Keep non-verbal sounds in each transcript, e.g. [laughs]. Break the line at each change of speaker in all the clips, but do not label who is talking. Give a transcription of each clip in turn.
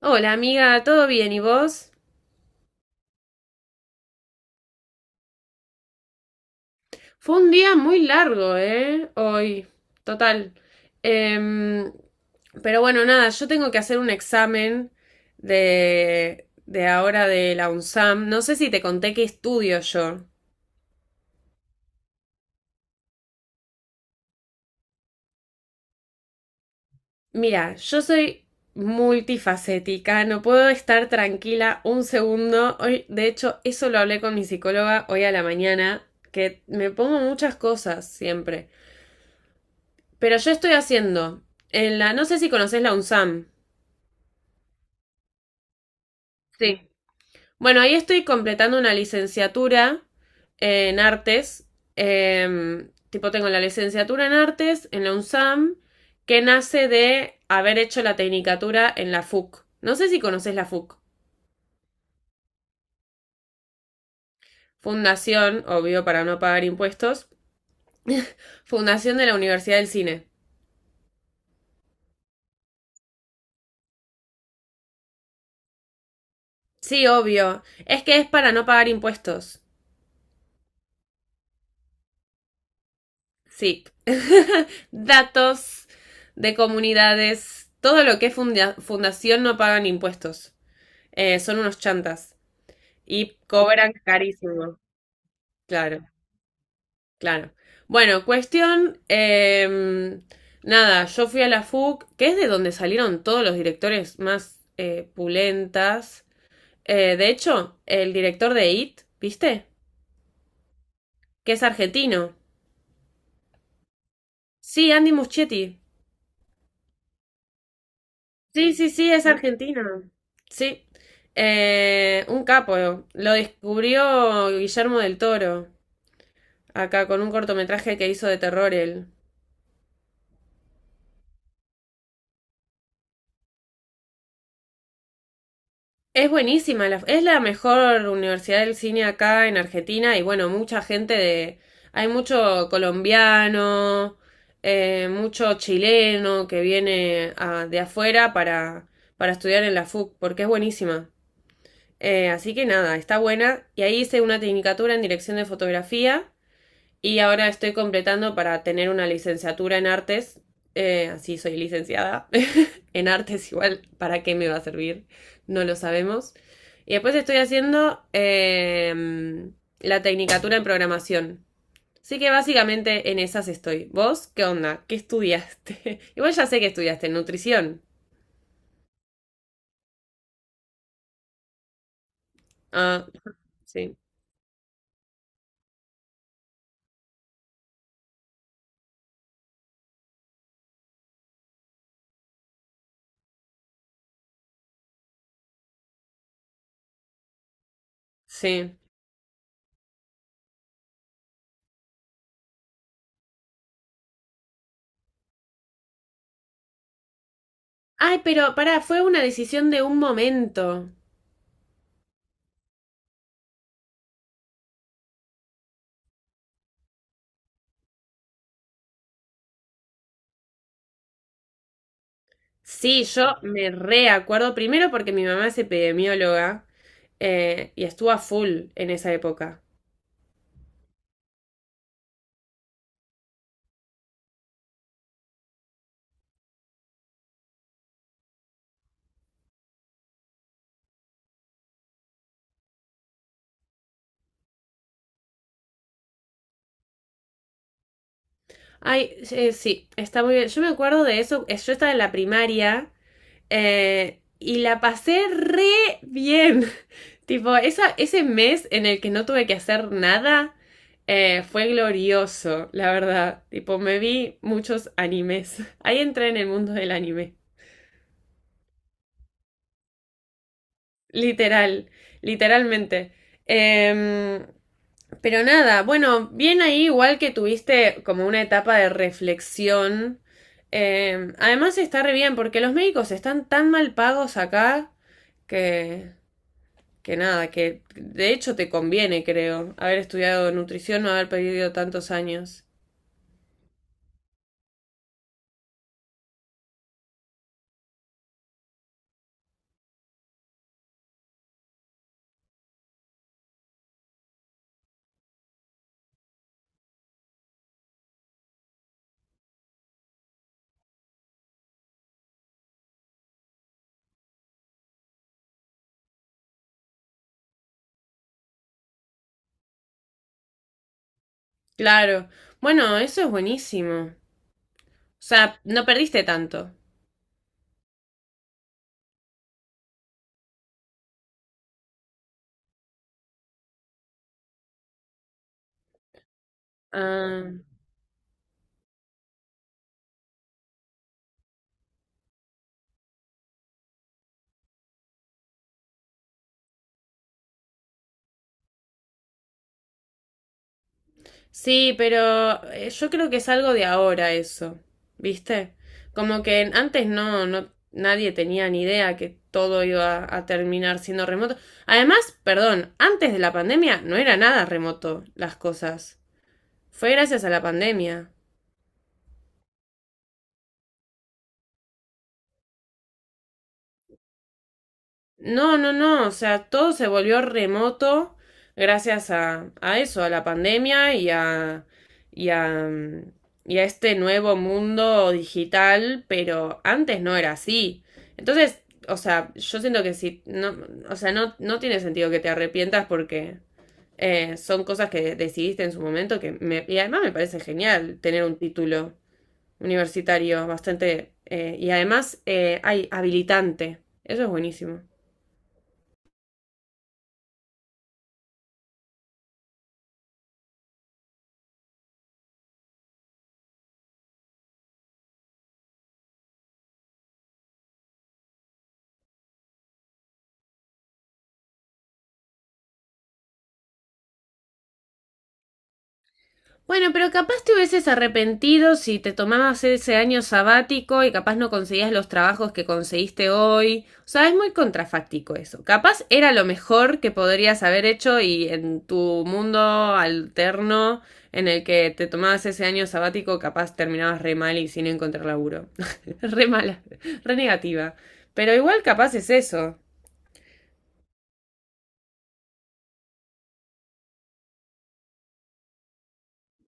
Hola amiga, ¿todo bien? ¿Y vos? Fue un día muy largo, ¿eh? Hoy, total. Em, pero bueno, nada, yo tengo que hacer un examen de ahora de la UNSAM. No sé si te conté qué estudio yo. Mira, yo soy multifacética, no puedo estar tranquila un segundo. Hoy, de hecho, eso lo hablé con mi psicóloga hoy a la mañana, que me pongo muchas cosas siempre. Pero yo estoy haciendo, no sé si conoces la UNSAM. Sí. Bueno, ahí estoy completando una licenciatura en artes. Tipo, tengo la licenciatura en artes en la UNSAM, que nace de haber hecho la tecnicatura en la FUC. No sé si conoces la FUC. Fundación, obvio, para no pagar impuestos. Fundación de la Universidad del Cine. Sí, obvio. Es que es para no pagar impuestos. Sí. [laughs] Datos de comunidades. Todo lo que es fundación no pagan impuestos. Son unos chantas. Y cobran carísimo. Claro, claro. Bueno, cuestión. Nada, yo fui a la FUC, que es de donde salieron todos los directores más pulentas. De hecho, el director de IT, ¿viste? Que es argentino. Sí, Andy Muschietti. Sí, sí, sí, es ¿no? argentino. Sí. Un capo. Lo descubrió Guillermo del Toro, acá con un cortometraje que hizo de terror él. Es buenísima, es la mejor universidad del cine acá en Argentina y bueno, mucha gente de... Hay mucho colombiano, mucho chileno que viene de afuera para estudiar en la FUC, porque es buenísima. Así que nada, está buena. Y ahí hice una tecnicatura en dirección de fotografía. Y ahora estoy completando para tener una licenciatura en artes. Así soy licenciada [laughs] en artes igual. ¿Para qué me va a servir? No lo sabemos. Y después estoy haciendo la tecnicatura en programación. Así que básicamente en esas estoy. ¿Vos qué onda? ¿Qué estudiaste? [laughs] Igual ya sé que estudiaste nutrición. Ah, sí, sí. Ay, pero pará, fue una decisión de un momento. Sí, yo me reacuerdo primero porque mi mamá es epidemióloga y estuvo a full en esa época. Ay, sí, sí, está muy bien. Yo me acuerdo de eso, yo estaba en la primaria y la pasé re bien. [laughs] Tipo, ese mes en el que no tuve que hacer nada fue glorioso, la verdad. Tipo, me vi muchos animes. [laughs] Ahí entré en el mundo del anime. Literal, literalmente. Em, pero nada, bueno, bien ahí igual que tuviste como una etapa de reflexión. Además está re bien porque los médicos están tan mal pagos acá que, que nada, que de hecho te conviene, creo, haber estudiado nutrición, no haber perdido tantos años. Claro. Bueno, eso es buenísimo. O sea, no perdiste tanto. Ah. Sí, pero yo creo que es algo de ahora eso, ¿viste? Como que antes nadie tenía ni idea que todo iba a terminar siendo remoto. Además, perdón, antes de la pandemia no era nada remoto las cosas. Fue gracias a la pandemia. No, no, no, o sea, todo se volvió remoto gracias a eso, a la pandemia y a, mm, y a este nuevo mundo digital, pero antes no era así. Entonces, o sea, yo siento que si, no, o sea, no, no tiene sentido que te arrepientas porque son cosas que decidiste en su momento y además me parece genial tener un título universitario bastante, y además hay habilitante. Eso es buenísimo. Bueno, pero capaz te hubieses arrepentido si te tomabas ese año sabático y capaz no conseguías los trabajos que conseguiste hoy. O sea, es muy contrafáctico eso. Capaz era lo mejor que podrías haber hecho y en tu mundo alterno en el que te tomabas ese año sabático, capaz terminabas re mal y sin encontrar laburo. [laughs] Re mala, re negativa. Pero igual capaz es eso.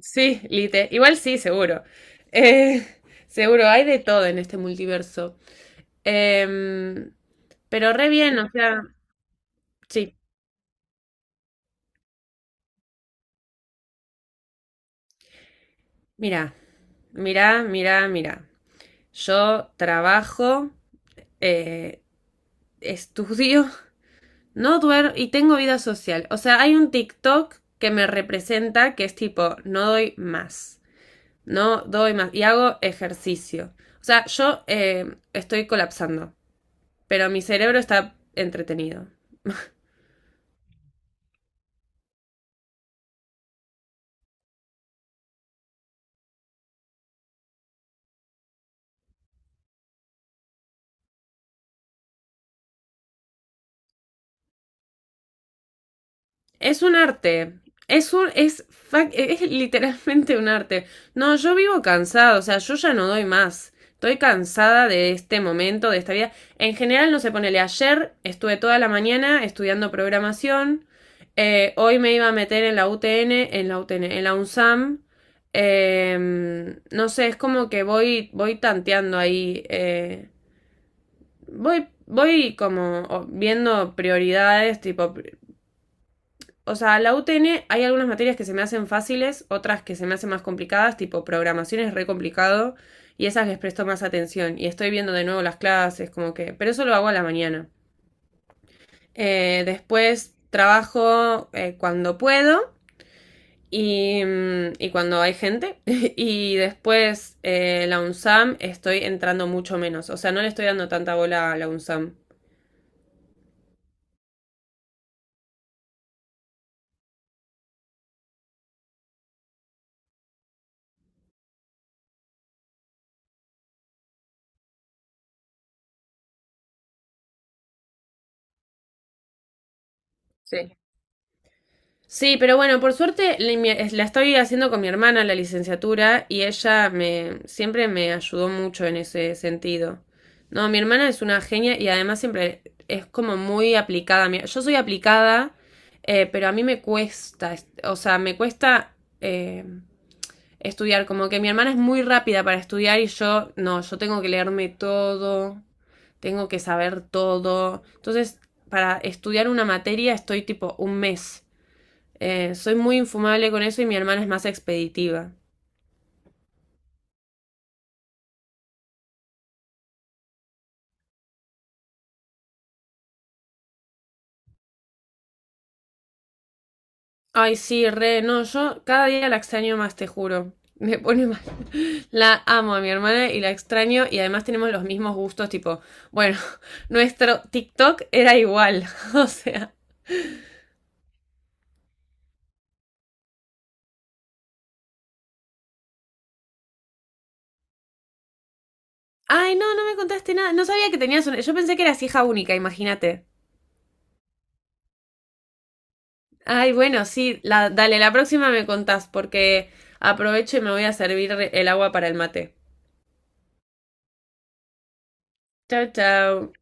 Sí, Lite. Igual sí, seguro. Eh, seguro, hay de todo en este multiverso. Em, pero re bien, o sea, sí, mira, mira, mira, mira. Yo trabajo, eh, estudio, [laughs] no duermo y tengo vida social. O sea, hay un TikTok que me representa que es tipo, no doy más, no doy más y hago ejercicio. O sea, yo estoy colapsando, pero mi cerebro está entretenido. Es un arte. Es literalmente un arte. No, yo vivo cansado, o sea, yo ya no doy más. Estoy cansada de este momento, de esta vida. En general, no se sé, ponele ayer, estuve toda la mañana estudiando programación. Hoy me iba a meter en la UTN, en la UTN, en la UNSAM. No sé, es como que voy tanteando ahí. Voy como viendo prioridades, tipo, o sea, la UTN hay algunas materias que se me hacen fáciles, otras que se me hacen más complicadas, tipo programación es re complicado y esas les presto más atención y estoy viendo de nuevo las clases, como que, pero eso lo hago a la mañana. Después trabajo cuando puedo y cuando hay gente [laughs] y después la UNSAM estoy entrando mucho menos, o sea, no le estoy dando tanta bola a la UNSAM. Sí. Sí, pero bueno, por suerte la estoy haciendo con mi hermana la licenciatura y ella me siempre me ayudó mucho en ese sentido. No, mi hermana es una genia y además siempre es como muy aplicada. Yo soy aplicada, pero a mí me cuesta, o sea, me cuesta eh, estudiar. Como que mi hermana es muy rápida para estudiar y yo no, yo tengo que leerme todo, tengo que saber todo. Entonces, para estudiar una materia estoy tipo un mes. Soy muy infumable con eso y mi hermana es más expeditiva. Ay, sí, re, no, yo cada día la extraño más, te juro. [laughs] Me pone mal. La amo a mi hermana y la extraño y además tenemos los mismos gustos, tipo, bueno, [laughs] nuestro TikTok era igual, [laughs] o sea. Ay, no, no me contaste nada. No sabía que tenías una... Yo pensé que eras hija única, imagínate. Ay, bueno, sí, la, dale, la próxima me contás porque aprovecho y me voy a servir el agua para el mate. Chao, chao.